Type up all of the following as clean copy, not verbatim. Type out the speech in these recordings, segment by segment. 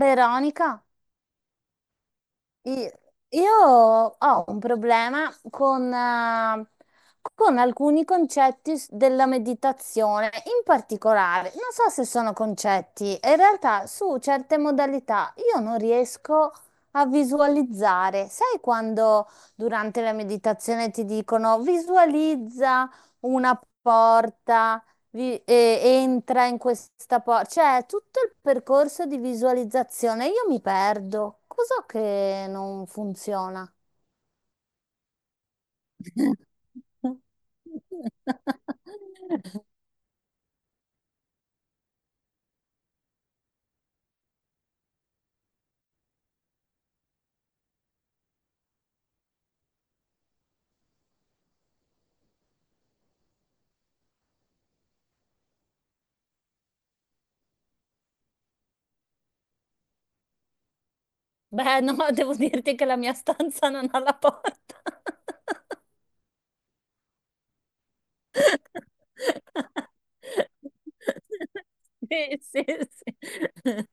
Veronica, i- io ho un problema con con alcuni della meditazione, in particolare, non so se sono concetti, in realtà su certe modalità io non riesco a visualizzare. Sai quando durante la meditazione ti dicono visualizza una porta? Entra in questa porta. Cioè, tutto il percorso di visualizzazione, io mi perdo. Cos'ho che non funziona? Beh, no, devo dirti che la mia stanza non ha la porta. Sì, sì, sì.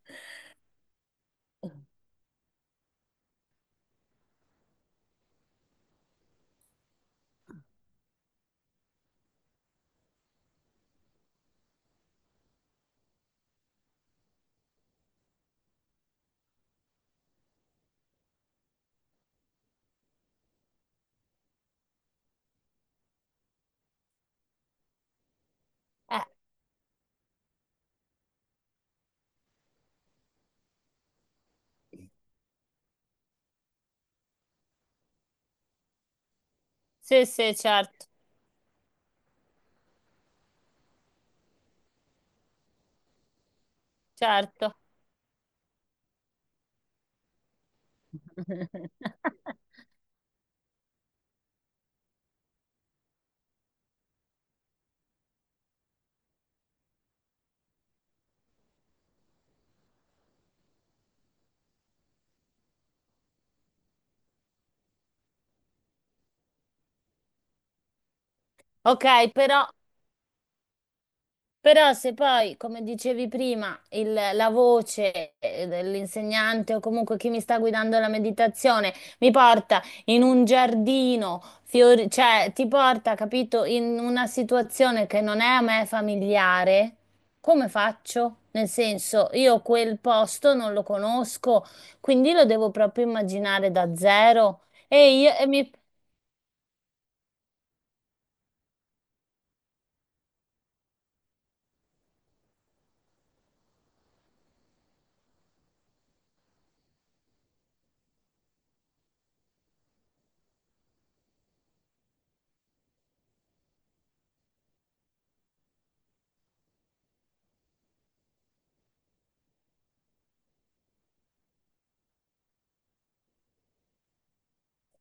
Eh, sì, sì, certo, certo. Ok, però. Però se poi, come dicevi prima, la voce dell'insegnante o comunque chi mi sta guidando la meditazione mi porta in un giardino, cioè ti porta, capito, in una situazione che non è a me familiare, come faccio? Nel senso, io quel posto non lo conosco, quindi lo devo proprio immaginare da zero. E, io, e mi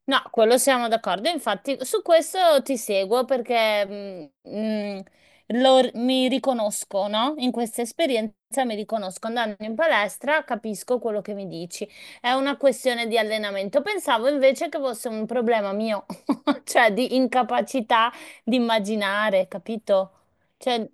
No, quello siamo d'accordo. Infatti, su questo ti seguo perché mi riconosco, no? In questa esperienza mi riconosco. Andando in palestra capisco quello che mi dici. È una questione di allenamento. Pensavo invece che fosse un problema mio, cioè di incapacità di immaginare, capito? Cioè,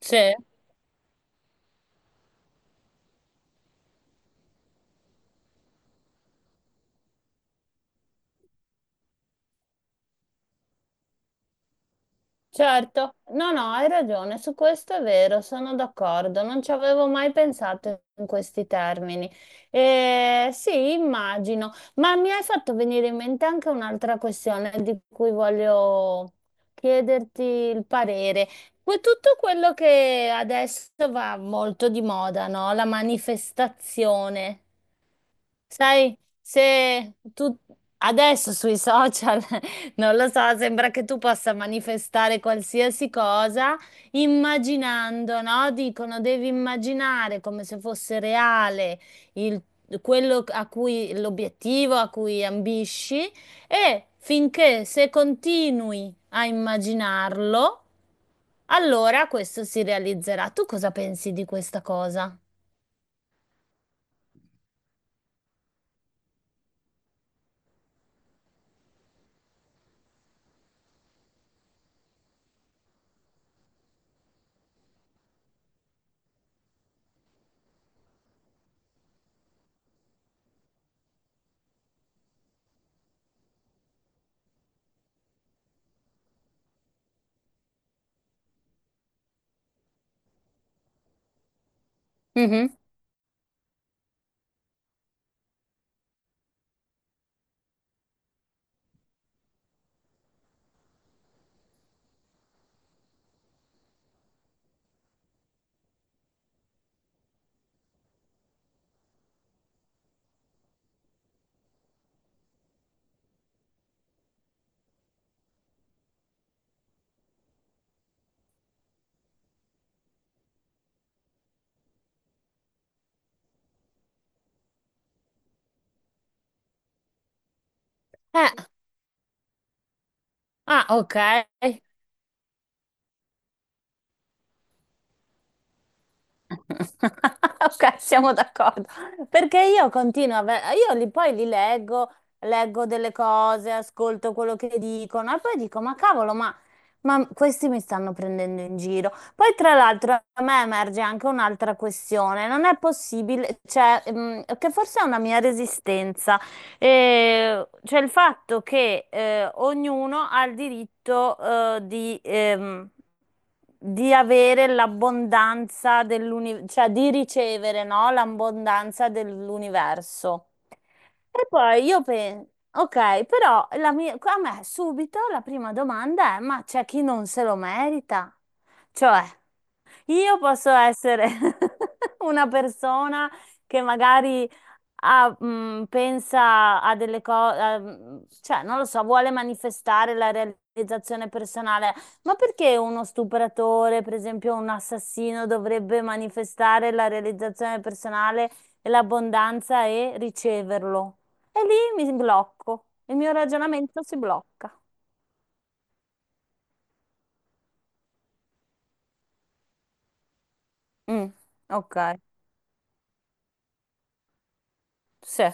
sì. Certo, no, no, hai ragione, su questo è vero, sono d'accordo, non ci avevo mai pensato in questi termini. Sì, immagino, ma mi hai fatto venire in mente anche un'altra questione di cui voglio chiederti il parere. Tutto quello che adesso va molto di moda, no? La manifestazione. Sai, se tu adesso sui social, non lo so, sembra che tu possa manifestare qualsiasi cosa immaginando, no? Dicono devi immaginare come se fosse reale il- quello a cui l'obiettivo a cui ambisci e finché se continui a immaginarlo, allora questo si realizzerà. Tu cosa pensi di questa cosa? Mhm. Eh, ah, ok. Ok, siamo d'accordo. Perché io continuo a... Io li, poi li leggo, leggo delle cose, ascolto quello che dicono e poi dico, ma cavolo, ma questi mi stanno prendendo in giro. Poi tra l'altro a me emerge anche un'altra questione. Non è possibile, cioè, mm, che forse è una mia resistenza. Cioè il fatto che ognuno ha il diritto eh, di, ehm, di avere l'abbondanza dell'universo, cioè di ricevere, no? L'abbondanza dell'universo. E poi io penso, ok, però a me subito la prima domanda è, ma c'è chi non se lo merita? Cioè. Io posso essere una persona che magari ha, pensa a delle cose, cioè non lo so, vuole manifestare la realizzazione personale, ma perché uno stupratore, per esempio un assassino, dovrebbe manifestare la realizzazione personale e l'abbondanza e riceverlo? E lì mi blocco, il mio ragionamento si blocca. Mm, ok, sì.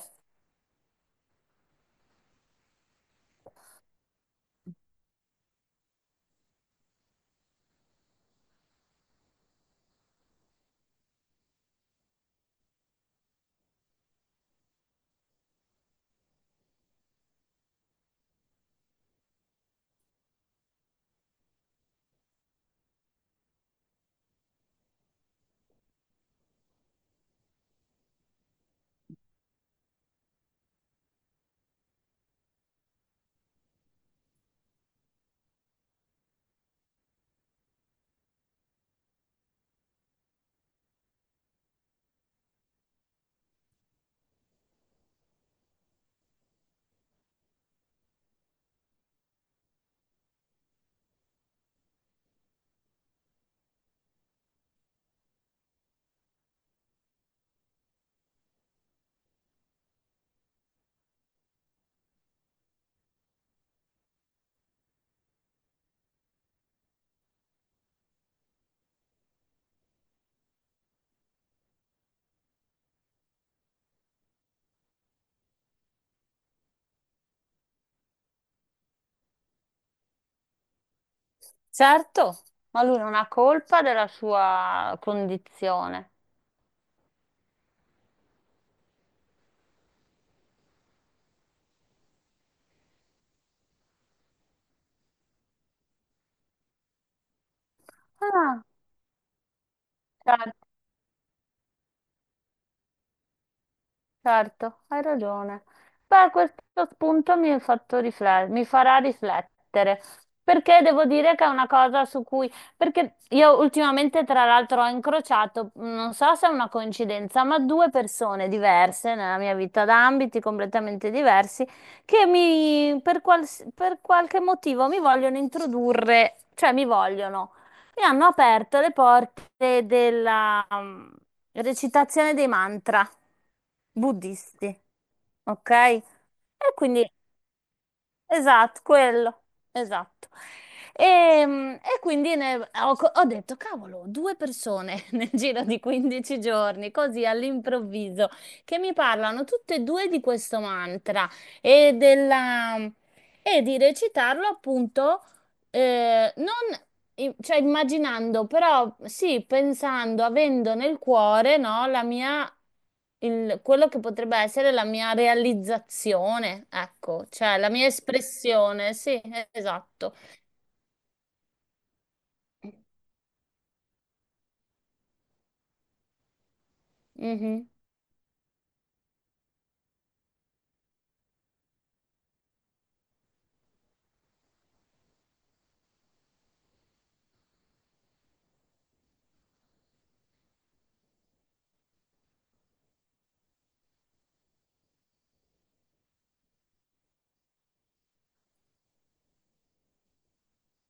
Certo, ma lui non ha colpa della sua condizione. Ah, certo, certo, hai ragione. Beh, questo spunto mi ha fatto mi farà riflettere, perché devo dire che è una cosa su cui, perché io ultimamente tra l'altro ho incrociato, non so se è una coincidenza, ma due persone diverse nella mia vita, da ambiti completamente diversi, che mi, per per qualche motivo mi vogliono introdurre, cioè mi vogliono. E hanno aperto le porte della mm, recitazione dei mantra buddisti, ok? E quindi, esatto, quello, esatto. E, mm, e quindi ho detto, cavolo, due persone nel giro di 15 giorni, così all'improvviso, che mi parlano tutte e due di questo mantra e della... mm, e di recitarlo appunto non, i- cioè immaginando, però sì, pensando, avendo nel cuore, no, la mia, quello che potrebbe essere la mia realizzazione, ecco, cioè la mia espressione, sì, esatto. Mhm,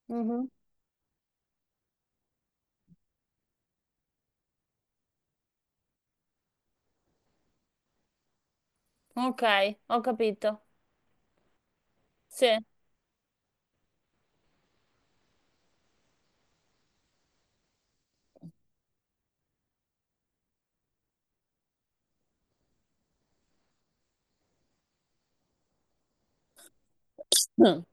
mhm. Ok, ho capito. Sì. Mm.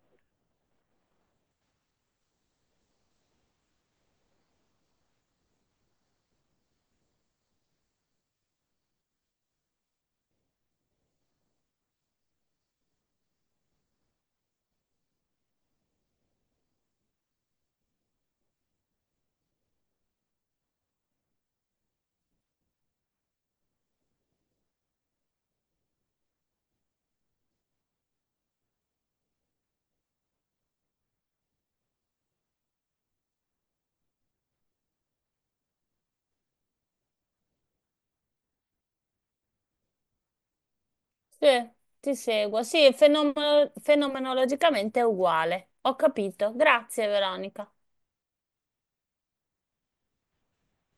Sì, ti seguo. Sì, fenomenologicamente è uguale. Ho capito. Grazie, Veronica.